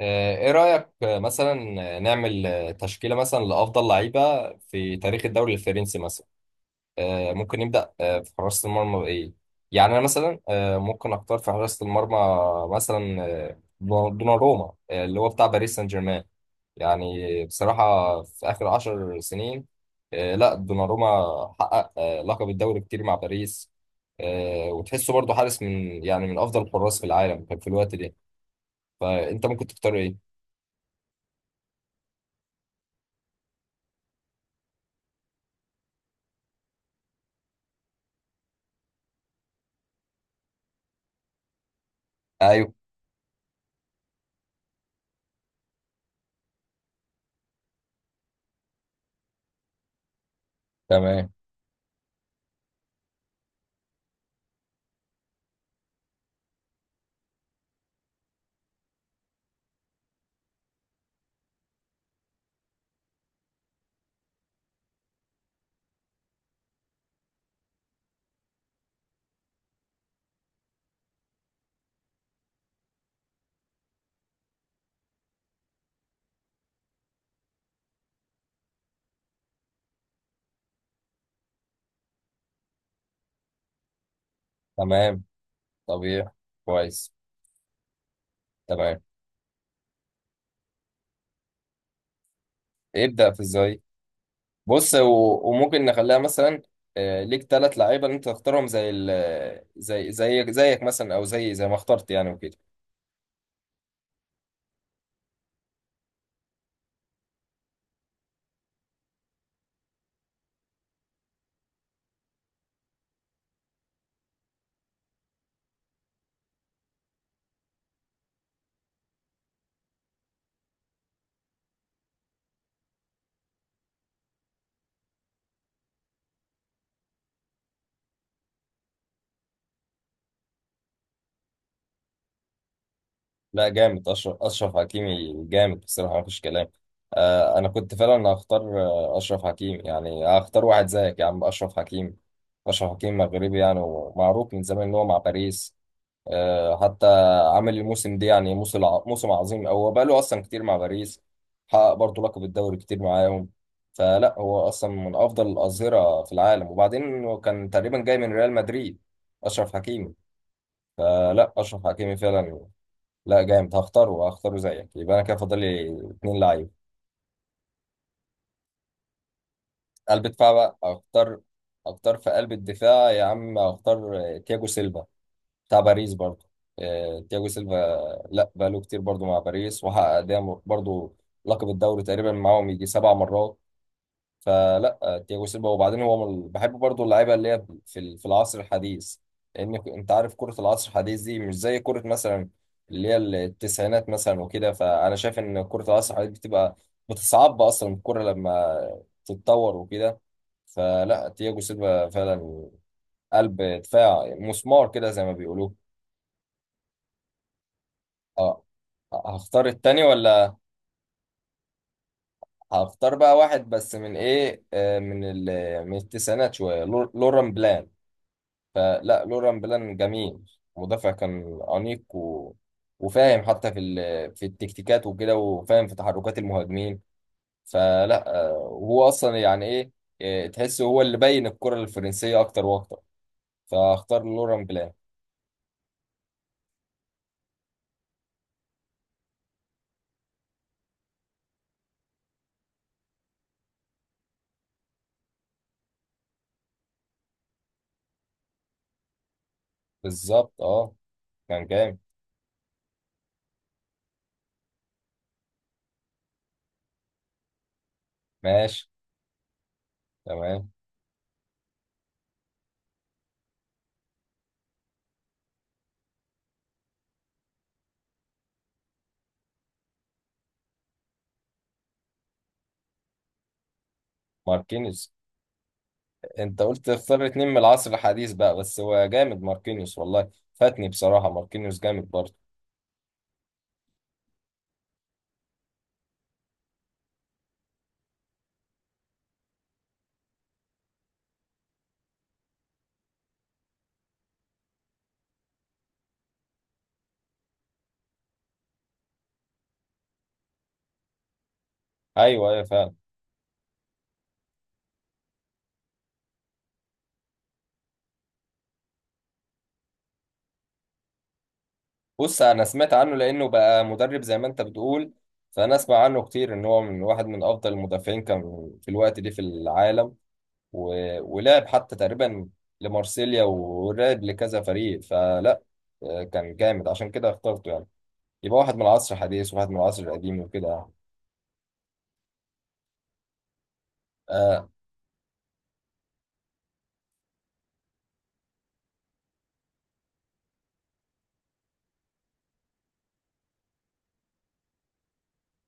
ايه رأيك، مثلا. نعمل تشكيلة مثلا لأفضل لعيبة في تاريخ الدوري الفرنسي مثلا. ممكن نبدأ في حراسة المرمى بإيه؟ يعني أنا مثلا ممكن أختار في حراسة المرمى مثلا. دوناروما، اللي هو بتاع باريس سان جيرمان. يعني بصراحة في آخر 10 سنين. لا، دوناروما حقق لقب الدوري كتير مع باريس. وتحسه برضه حارس من يعني من أفضل الحراس في العالم كان في الوقت ده. فأنت ممكن تختار إيه؟ تمام. تمام. طبيعي. كويس. تمام. ابدأ في ازاي. بص وممكن نخليها مثلا، ليك ثلاث لعيبه اللي انت تختارهم زي زي زيك مثلا، او زي ما اخترت يعني، وكده. لا جامد، اشرف حكيمي جامد بصراحه، مفيش كلام. انا كنت فعلا هختار اشرف حكيمي، يعني هختار واحد زيك يا عم، اشرف حكيمي. اشرف حكيمي مغربي يعني، ومعروف من زمان ان هو مع باريس. حتى عامل الموسم ده، يعني موسم عظيم، هو بقى له اصلا كتير مع باريس. حقق برضه لقب الدوري كتير معاهم. فلا هو اصلا من افضل الاظهره في العالم، وبعدين هو كان تقريبا جاي من ريال مدريد، اشرف حكيمي. فلا اشرف حكيمي فعلا. لا جامد، هختاره زيك. يبقى انا كده فاضل لي اتنين لعيب. قلب دفاع بقى اختار. اختار في قلب الدفاع يا عم، اختار تياجو سيلفا بتاع باريس برضه. تياجو سيلفا. لا بقاله كتير برضه مع باريس، وحقق دايما برضه لقب الدوري تقريبا معاهم يجي سبع مرات. فلا تياجو سيلفا. وبعدين هو من بحب برضه اللعيبه اللي هي في العصر الحديث. لان انت عارف كره العصر الحديث دي مش زي كره مثلا اللي هي التسعينات مثلا وكده. فانا شايف ان كره العصر الحديث بتبقى بتصعب اصلا الكره لما تتطور وكده. فلا تياجو سيلفا فعلا، قلب دفاع مسمار كده زي ما بيقولوا. اه. هختار التاني ولا؟ هختار بقى واحد بس من ايه، من التسعينات شوية، لوران بلان. فلا لوران بلان جميل، مدافع كان أنيق وفاهم حتى في التكتيكات وكده، وفاهم في تحركات المهاجمين. فلا، وهو أصلا يعني ايه، تحسه هو اللي بين الكرة الفرنسية أكتر وأكتر. فاختار لوران بلان. بالظبط، اه كان جامد. ماشي. تمام. ماركينيز. انت قلت اختار اتنين من العصر الحديث بقى، بس هو جامد ماركينيوس والله، فاتني بصراحة، ماركينيوس جامد برضه. ايوه ايوه فعلا. بص، انا سمعت عنه لانه بقى مدرب زي ما انت بتقول. فانا اسمع عنه كتير ان هو من واحد من افضل المدافعين كان في الوقت ده في العالم، و... ولعب حتى تقريبا لمارسيليا، ولعب لكذا فريق. فلا كان جامد، عشان كده اخترته، يعني يبقى واحد من العصر الحديث وواحد من العصر القديم وكده يعني. آه.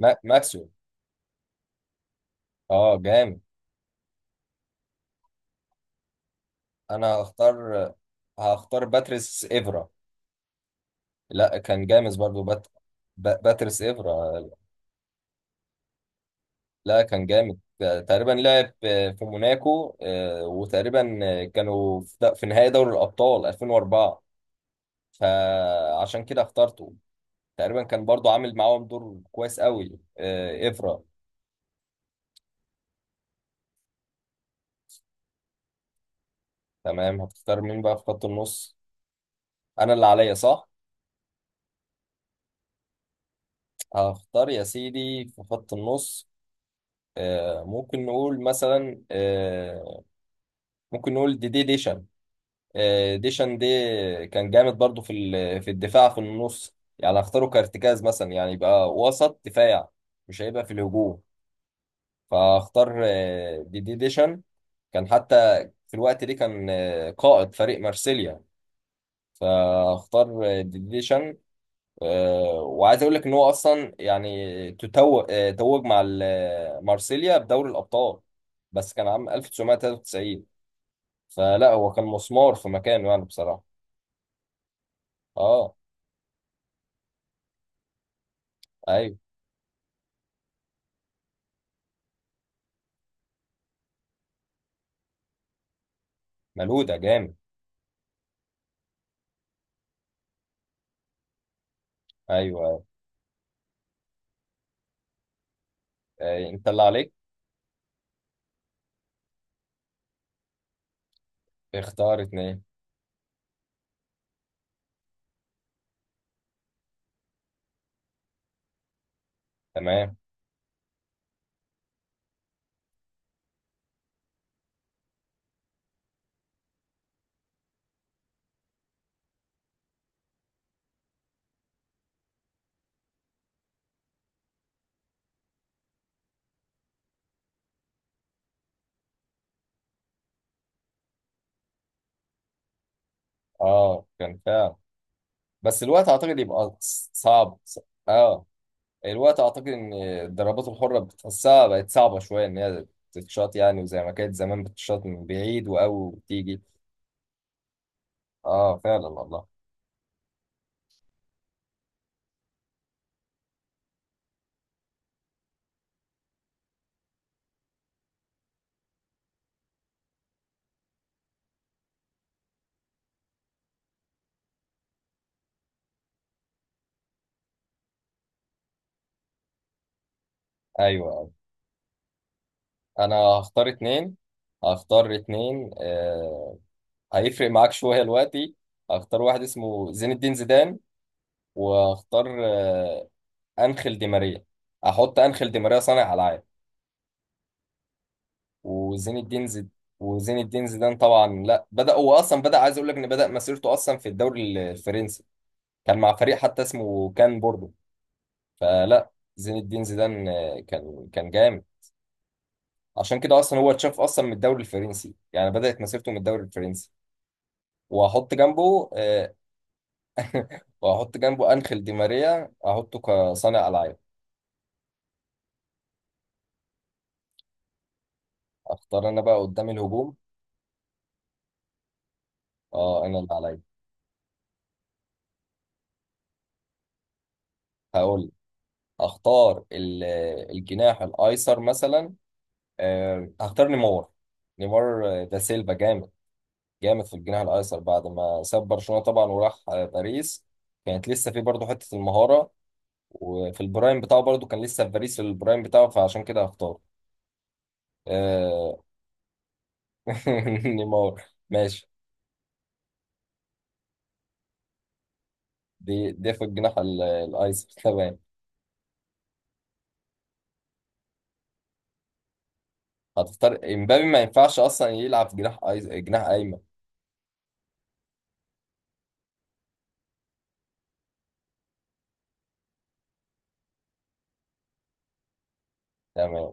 ماكسويل. اه جامد. انا هختار، هختار باتريس ايفرا. لا كان جامد برضو، باتريس ايفرا. لا كان جامد، تقريبا لعب في موناكو، وتقريبا كانوا في نهائي دوري الابطال 2004. فعشان كده اخترته، تقريبا كان برضو عامل معاهم دور كويس قوي، ايفرا. تمام. هتختار مين بقى في خط النص؟ انا اللي عليا صح؟ هختار يا سيدي في خط النص، ممكن نقول مثلا ممكن نقول دي دي ديشان. ديشان دي كان جامد برضو في الدفاع في النص، يعني اختاره كارتكاز مثلا، يعني يبقى وسط دفاع، مش هيبقى في الهجوم. فاختار دي دي ديشان. كان حتى في الوقت ده كان قائد فريق مارسيليا. فاختار دي دي ديشان. وعايز اقول لك ان هو اصلا يعني توج مارسيليا بدوري الابطال، بس كان عام 1993. فلا هو كان مسمار في مكانه يعني بصراحة. اه. ايوه. ملهودة جامد. ايوه أيوة. انت اللي عليك. اختار اتنين. تمام. اه كان فعلا، بس الوقت اعتقد يبقى صعب. اه الوقت اعتقد ان الضربات الحرة بتحسها بقت صعبة شوية ان هي تتشاط يعني، وزي ما كانت زمان بتتشاط من بعيد واو تيجي. اه فعلا والله. ايوه أيوة. انا هختار اتنين. هختار اتنين. آه، هيفرق معاك شوية دلوقتي. هختار واحد اسمه زين الدين زيدان، واختار انخيل دي ماريا. احط انخيل دي ماريا صانع العاب وزين الدين زيد وزين الدين زيدان طبعا. لا بدا، هو اصلا بدا، عايز اقول لك ان بدا مسيرته اصلا في الدوري الفرنسي، كان مع فريق حتى اسمه كان بوردو. فلا زين الدين زيدان كان جامد. عشان كده اصلا هو اتشاف اصلا من الدوري الفرنسي، يعني بدات مسيرته من الدوري الفرنسي. واحط جنبه واحط جنبه انخيل دي ماريا، احطه كصانع العاب. اختار انا بقى قدام الهجوم. اه انا اللي عليا. هقول اختار الجناح الايسر مثلا. هختار نيمار. نيمار ده سيلفا جامد، جامد في الجناح الايسر بعد ما ساب برشلونة طبعا، وراح باريس. كانت لسه في برضه حتة المهارة، وفي البرايم بتاعه برضه كان لسه في باريس في البرايم بتاعه، فعشان كده هختار آه، نيمار. ماشي. دي دي في الجناح الايسر تمام. هتختار امبابي؟ ما ينفعش اصلا يلعب جناح جناح ايمن. تمام.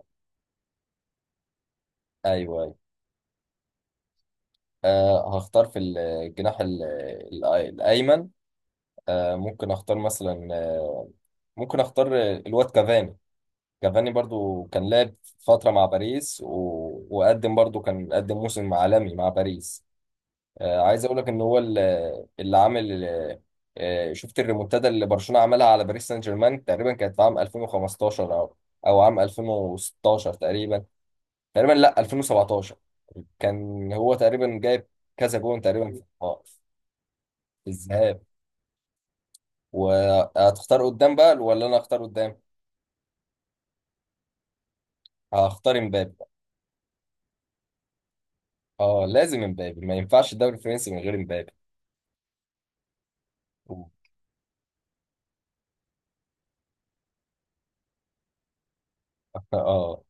ايوه أيوه. آه هختار في الجناح الأيمن. آه ممكن أختار مثلا، آه ممكن أختار الواد كافاني. كافاني برضو كان لعب فترة مع باريس، وقدم برضو، كان قدم موسم عالمي مع باريس. آه عايز أقول لك إن هو اللي عامل، آه شفت الريمونتادا اللي برشلونة عملها على باريس سان جيرمان تقريبا، كانت في عام 2015 أو عام 2016 تقريبا لا 2017. كان هو تقريبا جايب كذا جون تقريبا في القاع. الذهاب. وهتختار قدام بقى ولا انا اختار قدام؟ هختار امبابي بقى. اه لازم امبابي، ما ينفعش الدوري الفرنسي من غير امبابي. اه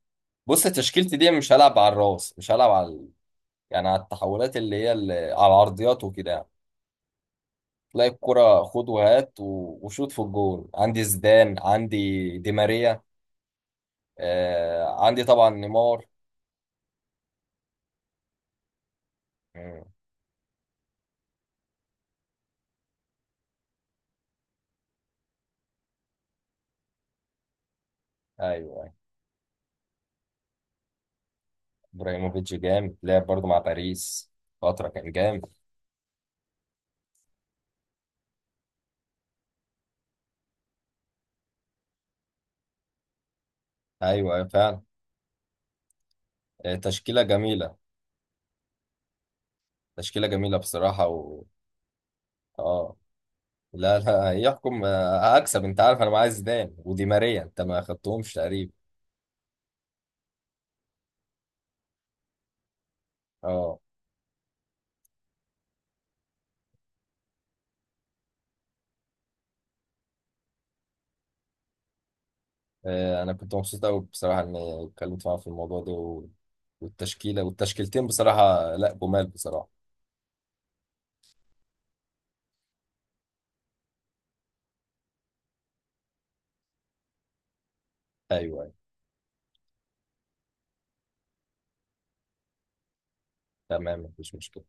بص، تشكيلتي دي مش هلعب على الراس، مش هلعب على يعني على التحولات اللي هي اللي على العرضيات وكده يعني. تلاقي الكرة خد وهات وشوط في الجول. عندي زيدان، عندي دي ماريا، آه عندي طبعا نيمار. مم. ايوه أيوة. ابراهيموفيتش جامد، لعب برضه مع باريس فترة، كان جامد. ايوه أيوة فعلا. تشكيلة جميلة. تشكيلة جميلة بصراحة اه. لا، لا يحكم. هكسب، انت عارف انا معايا زيدان ودي ماريا انت ما خدتهمش تقريبا. اه. انا كنت مبسوط قوي بصراحة اني اتكلمت معاك في الموضوع ده والتشكيلة والتشكيلتين، بصراحة لا جمال بصراحة. ايوه أيوة. تمام مفيش مشكلة.